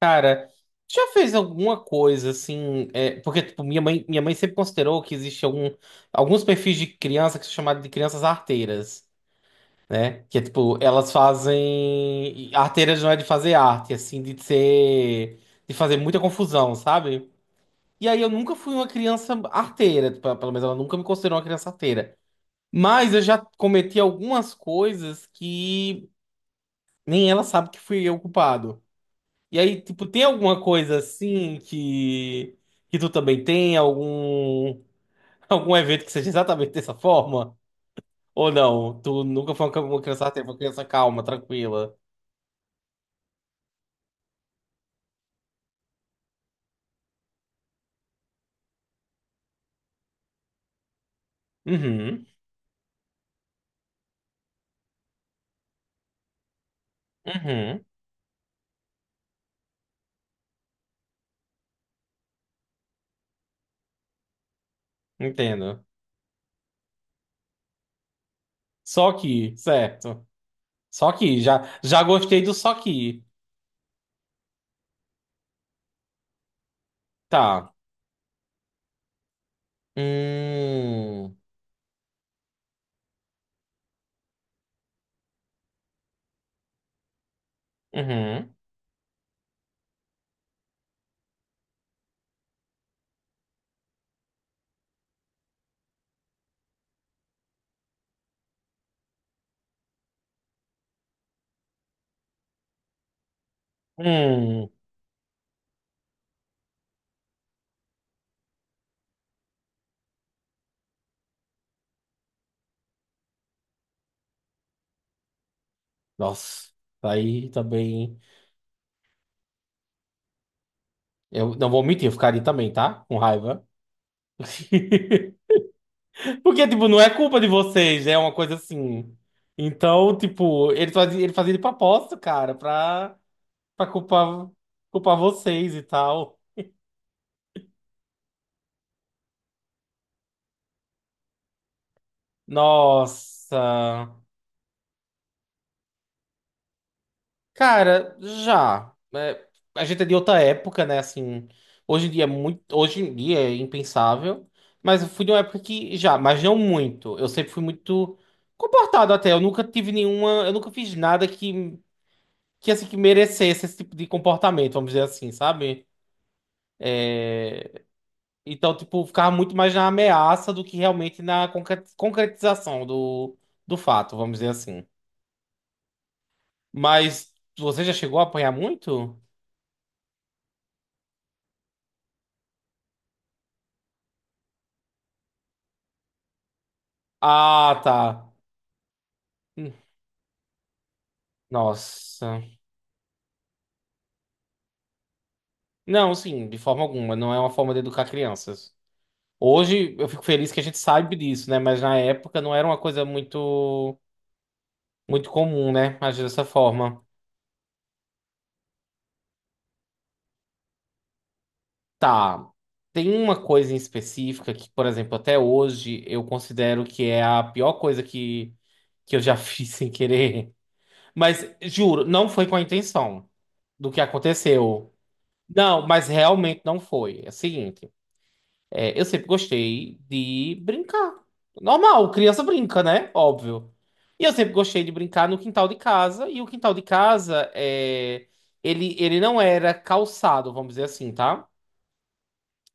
Cara, já fez alguma coisa assim? Porque tipo, minha mãe sempre considerou que existe alguns perfis de criança que são chamados de crianças arteiras, né? Que é tipo, elas fazem. Arteiras não é de fazer arte, assim, de ser. De fazer muita confusão, sabe? E aí eu nunca fui uma criança arteira, tipo, pelo menos ela nunca me considerou uma criança arteira. Mas eu já cometi algumas coisas que nem ela sabe que fui eu o culpado. E aí, tipo, tem alguma coisa assim que tu também tem algum algum evento que seja exatamente dessa forma? Ou não? Tu nunca foi uma criança, até uma criança calma, tranquila. Uhum. Uhum. Entendo. Só que, certo. Só que já gostei do só que. Tá. Hum. Uhum. Hum. Nossa. Aí também eu não vou mentir, eu ficaria também, tá? Com raiva. Porque, tipo, não é culpa de vocês, é uma coisa assim. Então, tipo, ele fazia de propósito, cara, pra culpar vocês e tal. Nossa. Cara, já. É, a gente é de outra época, né? Assim, hoje em dia é impensável. Mas eu fui de uma época que já, mas não muito. Eu sempre fui muito comportado até. Eu nunca fiz nada que assim, que merecesse esse tipo de comportamento, vamos dizer assim, sabe? Então, tipo, ficava muito mais na ameaça do que realmente na concretização do fato, vamos dizer assim. Mas você já chegou a apanhar muito? Ah, tá. Hum, nossa. Não, sim, de forma alguma. Não é uma forma de educar crianças. Hoje eu fico feliz que a gente sabe disso, né? Mas na época não era uma coisa muito comum, né? Agir dessa forma. Tá. Tem uma coisa em específica que, por exemplo, até hoje eu considero que é a pior coisa que eu já fiz sem querer. Mas juro, não foi com a intenção do que aconteceu. Não, mas realmente não foi. É o seguinte, eu sempre gostei de brincar. Normal, criança brinca, né? Óbvio. E eu sempre gostei de brincar no quintal de casa. E o quintal de casa, ele não era calçado, vamos dizer assim, tá?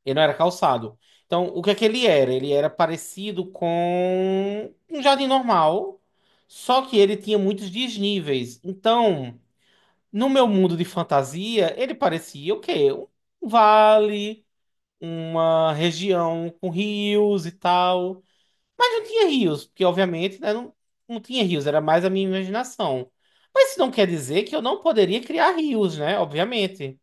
Ele não era calçado. Então, o que é que ele era? Ele era parecido com um jardim normal, só que ele tinha muitos desníveis. Então, no meu mundo de fantasia, ele parecia o quê? Um vale, uma região com rios e tal. Mas não tinha rios, porque obviamente, né, não tinha rios, era mais a minha imaginação. Mas isso não quer dizer que eu não poderia criar rios, né? Obviamente.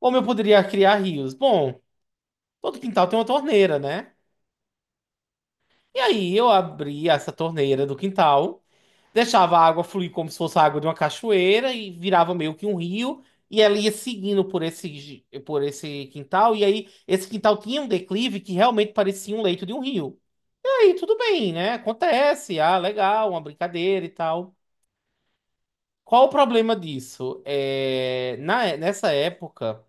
Como eu poderia criar rios? Bom, todo quintal tem uma torneira, né? E aí eu abria essa torneira do quintal, deixava a água fluir como se fosse a água de uma cachoeira e virava meio que um rio. E ela ia seguindo por esse quintal. E aí esse quintal tinha um declive que realmente parecia um leito de um rio. E aí tudo bem, né? Acontece. Ah, legal, uma brincadeira e tal. Qual o problema disso? É, nessa época,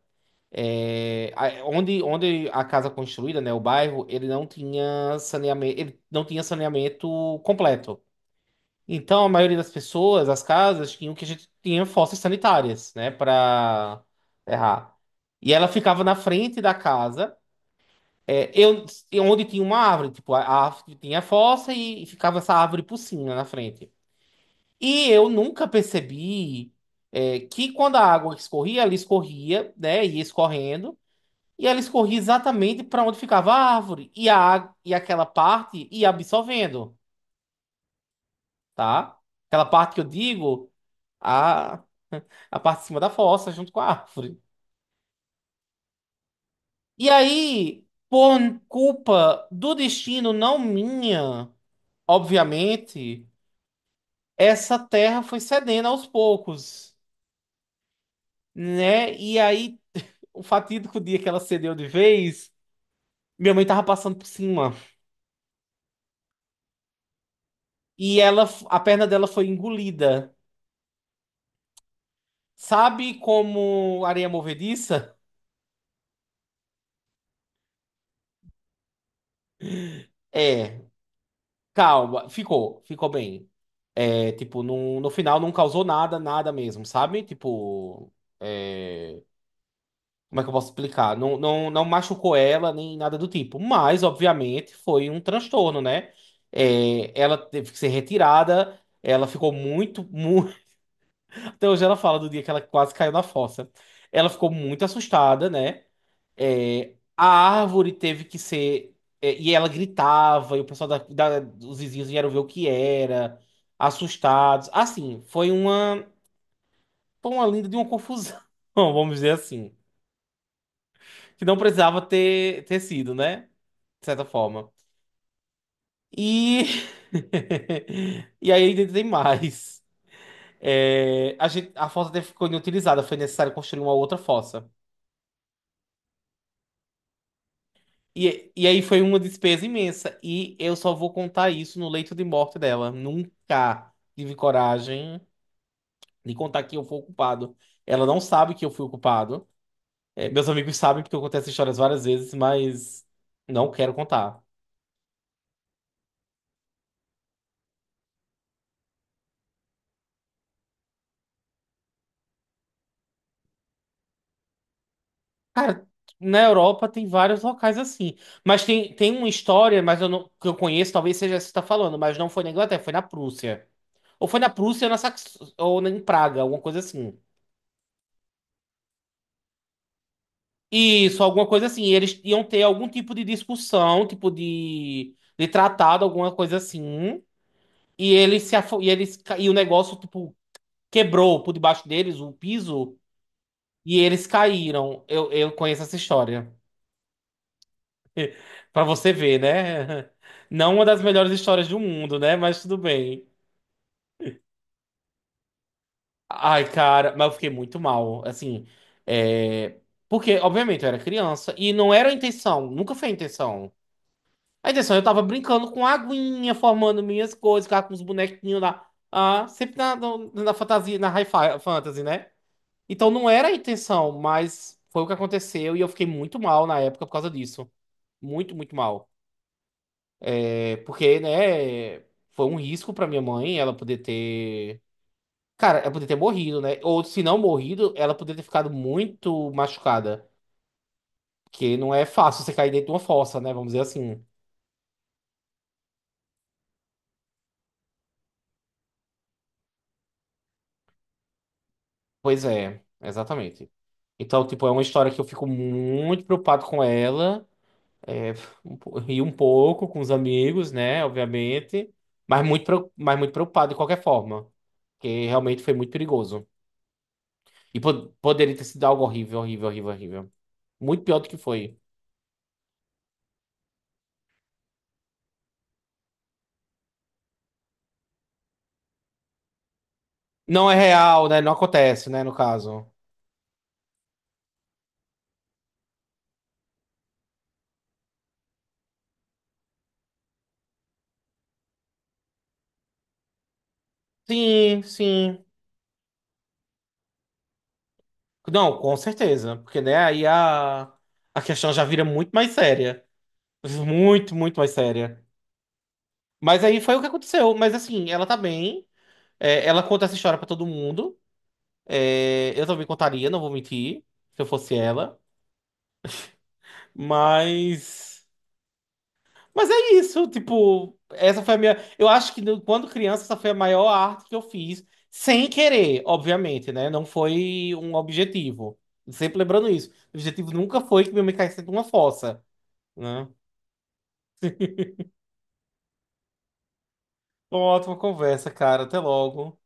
onde a casa construída, né, o bairro, ele não tinha saneamento, ele não tinha saneamento completo. Então, a maioria das pessoas, as casas, tinham que a gente tinha fossas sanitárias, né, para errar. E ela ficava na frente da casa, é, eu, e onde tinha uma árvore, tipo, a árvore tinha a fossa e ficava essa árvore por cima na frente. E eu nunca percebi, que quando a água escorria, ela escorria, né, ia escorrendo, e ela escorria exatamente para onde ficava a árvore, e, e aquela parte ia absorvendo, tá? Aquela parte que eu digo. A parte de cima da fossa, junto com a árvore. E aí, por culpa do destino, não minha, obviamente, essa terra foi cedendo aos poucos, né? E aí, o fatídico dia que ela cedeu de vez, minha mãe tava passando por cima. E ela, a perna dela foi engolida. Sabe como areia movediça? É, calma, ficou bem. É, tipo, no final não causou nada, nada mesmo, sabe? Tipo. é, Como é que eu posso explicar? Não, não, não machucou ela nem nada do tipo. Mas, obviamente, foi um transtorno, né? É, ela teve que ser retirada. Ela ficou muito, muito. Até hoje ela fala do dia que ela quase caiu na fossa. Ela ficou muito assustada, né? É, a árvore teve que ser. E ela gritava, e o pessoal dos vizinhos vieram ver o que era, assustados. Assim, foi uma. Foi uma linda de uma confusão, vamos dizer assim. Que não precisava ter sido, né? De certa forma. E, e aí ainda tem mais. É, a gente, a fossa até ficou inutilizada, foi necessário construir uma outra fossa. E aí foi uma despesa imensa. E eu só vou contar isso no leito de morte dela. Nunca tive coragem de contar que eu fui o culpado. Ela não sabe que eu fui o culpado. É, meus amigos sabem porque eu contei essas histórias várias vezes, mas não quero contar. Cara, na Europa tem vários locais assim. Mas tem uma história, mas eu não, que eu conheço, talvez seja essa que você está falando, mas não foi na Inglaterra, foi na Prússia. Ou foi na Prússia ou na Sax... ou em Praga, alguma coisa assim. Isso, alguma coisa assim. E eles iam ter algum tipo de discussão, tipo de tratado, alguma coisa assim. E eles se afo... e eles ca- e o negócio tipo quebrou por debaixo deles o piso e eles caíram. Eu conheço essa história. Pra você ver, né? Não uma das melhores histórias do mundo, né? Mas tudo bem. Ai, cara, mas eu fiquei muito mal, assim, é... porque, obviamente, eu era criança e não era a intenção, nunca foi a intenção. A intenção, eu tava brincando com aguinha, formando minhas coisas, ficava com os bonequinhos lá, ah, sempre na, no- na fantasia, na fantasy, né? Então não era a intenção, mas foi o que aconteceu e eu fiquei muito mal na época por causa disso. Muito, muito mal. É porque, né, foi um risco pra minha mãe ela poder ter. Cara, ela poder ter morrido, né? Ou se não morrido, ela poder ter ficado muito machucada. Porque não é fácil você cair dentro de uma fossa, né? Vamos dizer assim. Pois é, exatamente. Então, tipo, é uma história que eu fico muito preocupado com ela. É, ri um pouco com os amigos, né? Obviamente. Mas muito preocupado de qualquer forma. Porque realmente foi muito perigoso. E poderia ter sido algo horrível, horrível, horrível, horrível. Muito pior do que foi. Não é real, né? Não acontece, né? No caso. Sim, sim. Não, com certeza. Porque, né, aí a questão já vira muito mais séria. Muito, muito mais séria. Mas aí foi o que aconteceu. Mas assim, ela tá bem. É, ela conta essa história pra todo mundo. É, eu também contaria, não vou mentir, se eu fosse ela. Mas. Mas é isso, tipo, essa foi a minha. Eu acho que quando criança, essa foi a maior arte que eu fiz, sem querer, obviamente, né? Não foi um objetivo. Sempre lembrando isso. O objetivo nunca foi que minha mãe caísse dentro de uma fossa, né? Ótima conversa, cara. Até logo.